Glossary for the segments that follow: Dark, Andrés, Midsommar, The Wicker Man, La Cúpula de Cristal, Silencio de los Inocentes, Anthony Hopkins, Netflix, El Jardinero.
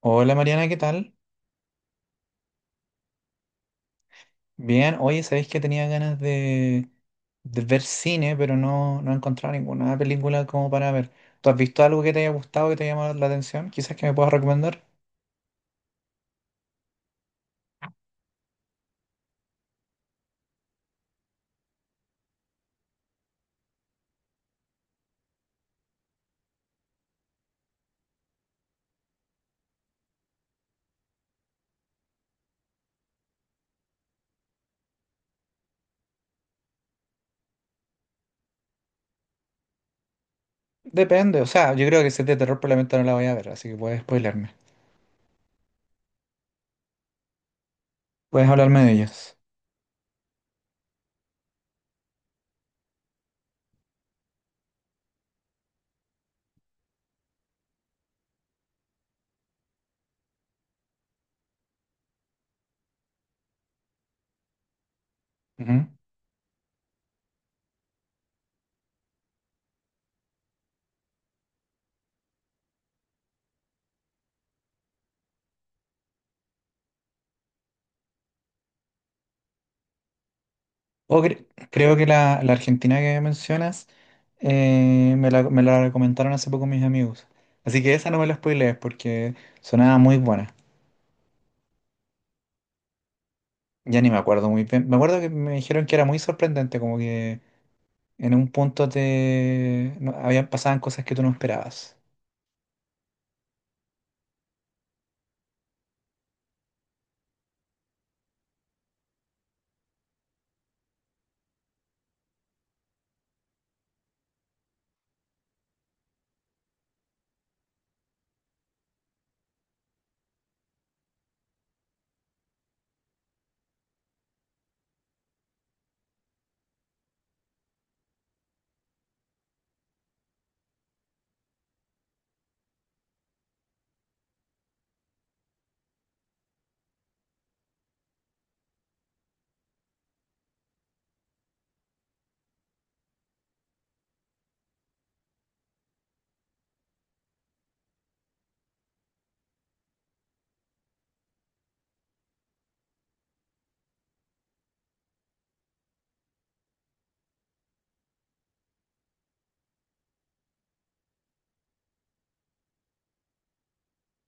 Hola Mariana, ¿qué tal? Bien, oye, sabéis que tenía ganas de ver cine, pero no he encontrado ninguna película como para ver. ¿Tú has visto algo que te haya gustado, que te haya llamado la atención? Quizás que me puedas recomendar. Depende, o sea, yo creo que si es de terror probablemente no la voy a ver, así que puedes spoilerme. Puedes hablarme de ellos. Ujú. O cre- Creo que la Argentina que mencionas me la recomendaron hace poco mis amigos. Así que esa no me la spoilees porque sonaba muy buena. Ya ni me acuerdo muy bien. Me acuerdo que me dijeron que era muy sorprendente, como que en un punto te no- habían pasaban cosas que tú no esperabas.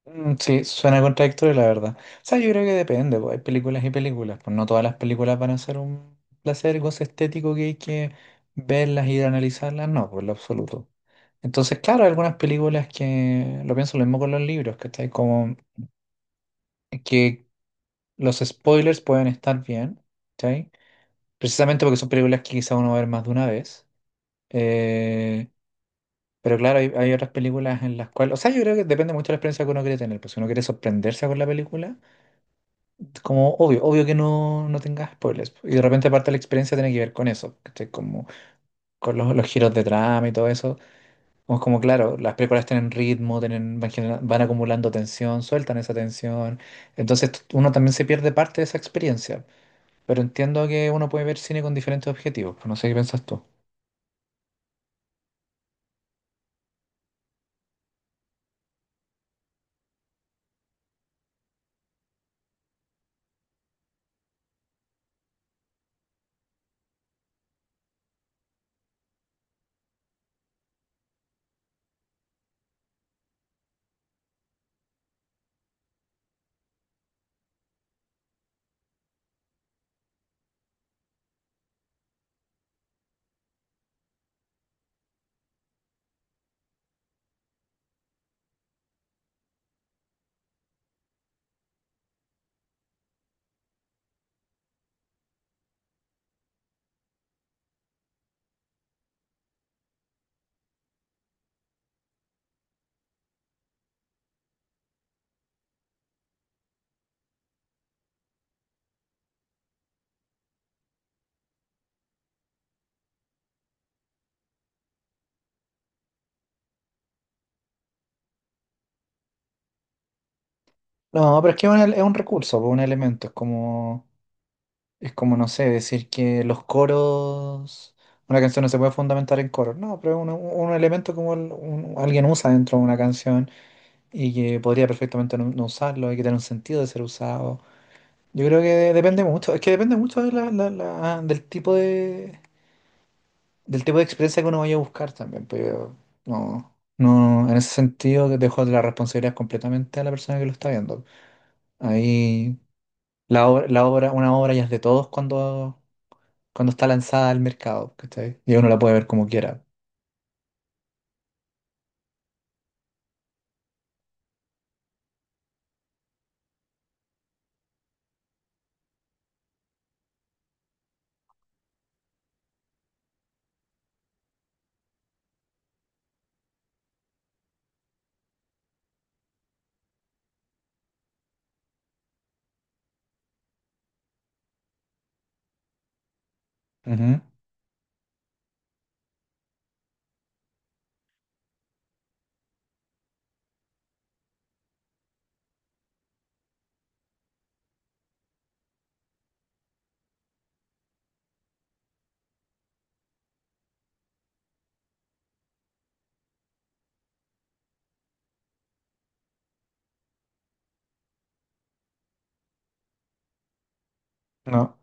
Sí, suena contradictorio, la verdad. O sea, yo creo que depende, pues hay películas y películas. Pues no todas las películas van a ser un placer, goce estético que hay que verlas y analizarlas, no, por lo absoluto. Entonces, claro, hay algunas películas que lo pienso, lo mismo con los libros, ¿cachai? Como que los spoilers pueden estar bien, ¿cachai? Precisamente porque son películas que quizá uno va a ver más de una vez. Eh, pero claro, hay otras películas en las cuales, o sea, yo creo que depende mucho de la experiencia que uno quiere tener, pues si uno quiere sorprenderse con la película, es como obvio, obvio que no tengas spoilers, y de repente parte de la experiencia tiene que ver con eso, ¿cachai? Como con los giros de trama y todo eso, como, como claro, las películas tienen ritmo, tienen, van, van acumulando tensión, sueltan esa tensión, entonces uno también se pierde parte de esa experiencia, pero entiendo que uno puede ver cine con diferentes objetivos, pues no sé qué piensas tú. No, pero es que es es un recurso, pues, un elemento, es como... Es como, no sé, decir que los coros, una canción no se puede fundamentar en coros, no, pero es un elemento como alguien usa dentro de una canción y que podría perfectamente no usarlo, hay que tener un sentido de ser usado. Yo creo que depende mucho, es que depende mucho de del tipo del tipo de experiencia que uno vaya a buscar también, pero no, en ese sentido dejo la responsabilidad completamente a la persona que lo está viendo. Ahí la obra, una obra ya es de todos cuando cuando está lanzada al mercado, ¿cachai? Y uno la puede ver como quiera. Ujú. No.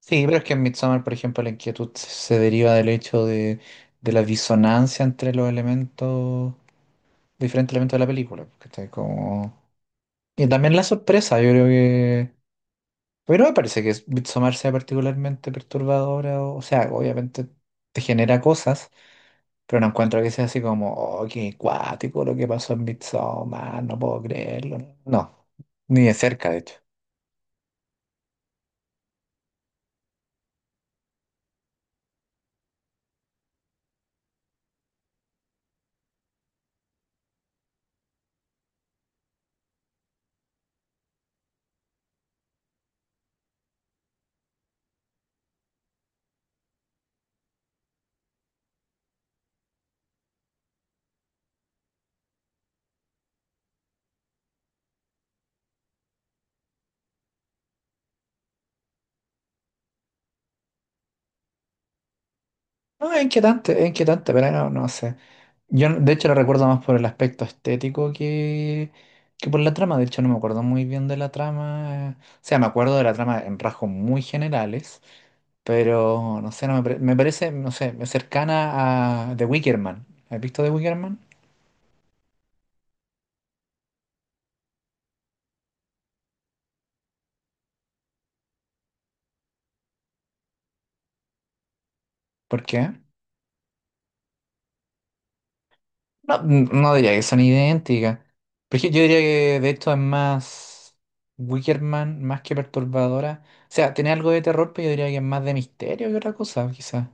Sí, pero es que en Midsommar, por ejemplo, la inquietud se deriva del hecho de la disonancia entre los elementos, diferentes elementos de la película, ¿cachai? Como... Y también la sorpresa, yo creo que... A mí no me parece que Midsommar sea particularmente perturbadora, o sea, obviamente te genera cosas, pero no encuentro que sea así como, oh, qué cuático lo que pasó en Midsommar, no puedo creerlo. No, ni de cerca, de hecho. No, es inquietante, pero no sé. Yo de hecho lo recuerdo más por el aspecto estético que por la trama. De hecho no me acuerdo muy bien de la trama. O sea, me acuerdo de la trama en rasgos muy generales, pero no sé, no me, pare- me parece, no sé, cercana a The Wicker Man. ¿Has visto The Wicker Man? ¿Por qué? No, no diría que son idénticas. Pero es que yo diría que de hecho es más Wickerman, más que perturbadora. O sea, tiene algo de terror, pero yo diría que es más de misterio que otra cosa, quizás.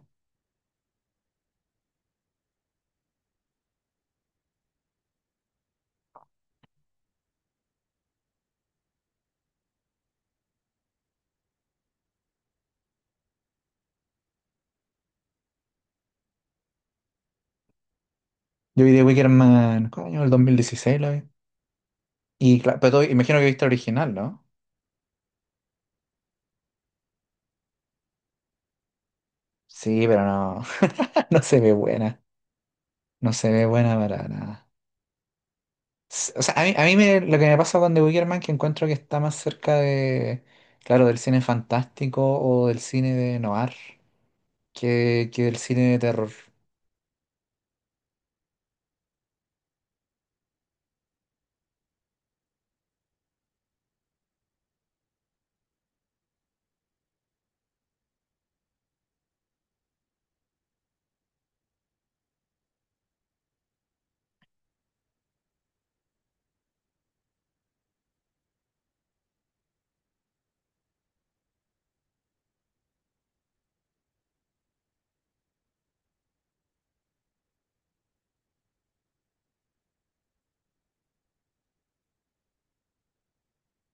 Yo vi de Wickerman, ¿cuál año? El 2016 lo vi. Y claro, pero imagino que viste el original, ¿no? Sí, pero no, no se ve buena. No se ve buena para nada. O sea, a mí, lo que me pasa con The Wicker Man que encuentro que está más cerca de, claro, del cine fantástico o del cine de noir. Que el cine de terror.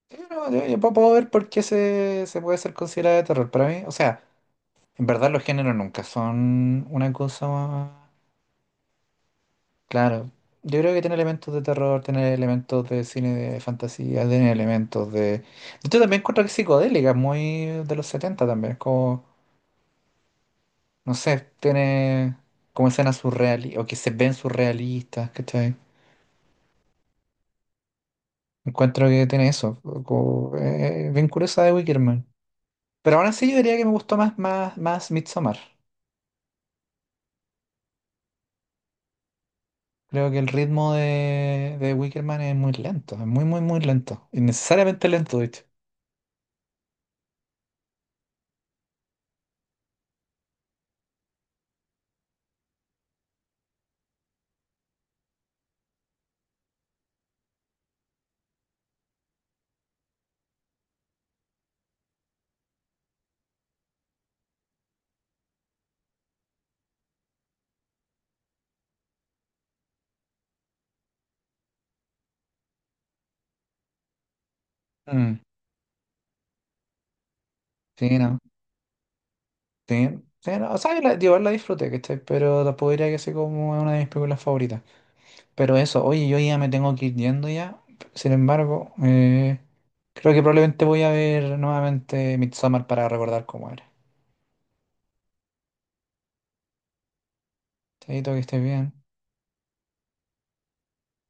Pero yo puedo ver por qué se puede ser considerado de terror. Para mí, o sea, en verdad los géneros nunca son una cosa... Claro, yo creo que tiene elementos de terror, tiene elementos de cine de fantasía, tiene elementos de... Yo también encuentro que es psicodélica, es muy de los 70 también, es como, no sé, tiene como escenas surrealistas, o que se ven surrealistas, ¿cachai? Encuentro que tiene eso, como, bien curiosa de Wickerman. Pero aún así yo diría que me gustó más, más, más Midsommar. Creo que el ritmo de Wicker Man es muy lento, es muy, muy, muy lento. Innecesariamente lento, de hecho. Mm, Sí, no. Sí, sí, no. O sea, digo, la disfruté, ¿cachai? Pero tampoco diría que sea como una de mis películas favoritas. Pero eso, oye, yo ya me tengo que ir yendo ya. Sin embargo, creo que probablemente voy a ver nuevamente Midsommar para recordar cómo era. Chaito, que estés bien.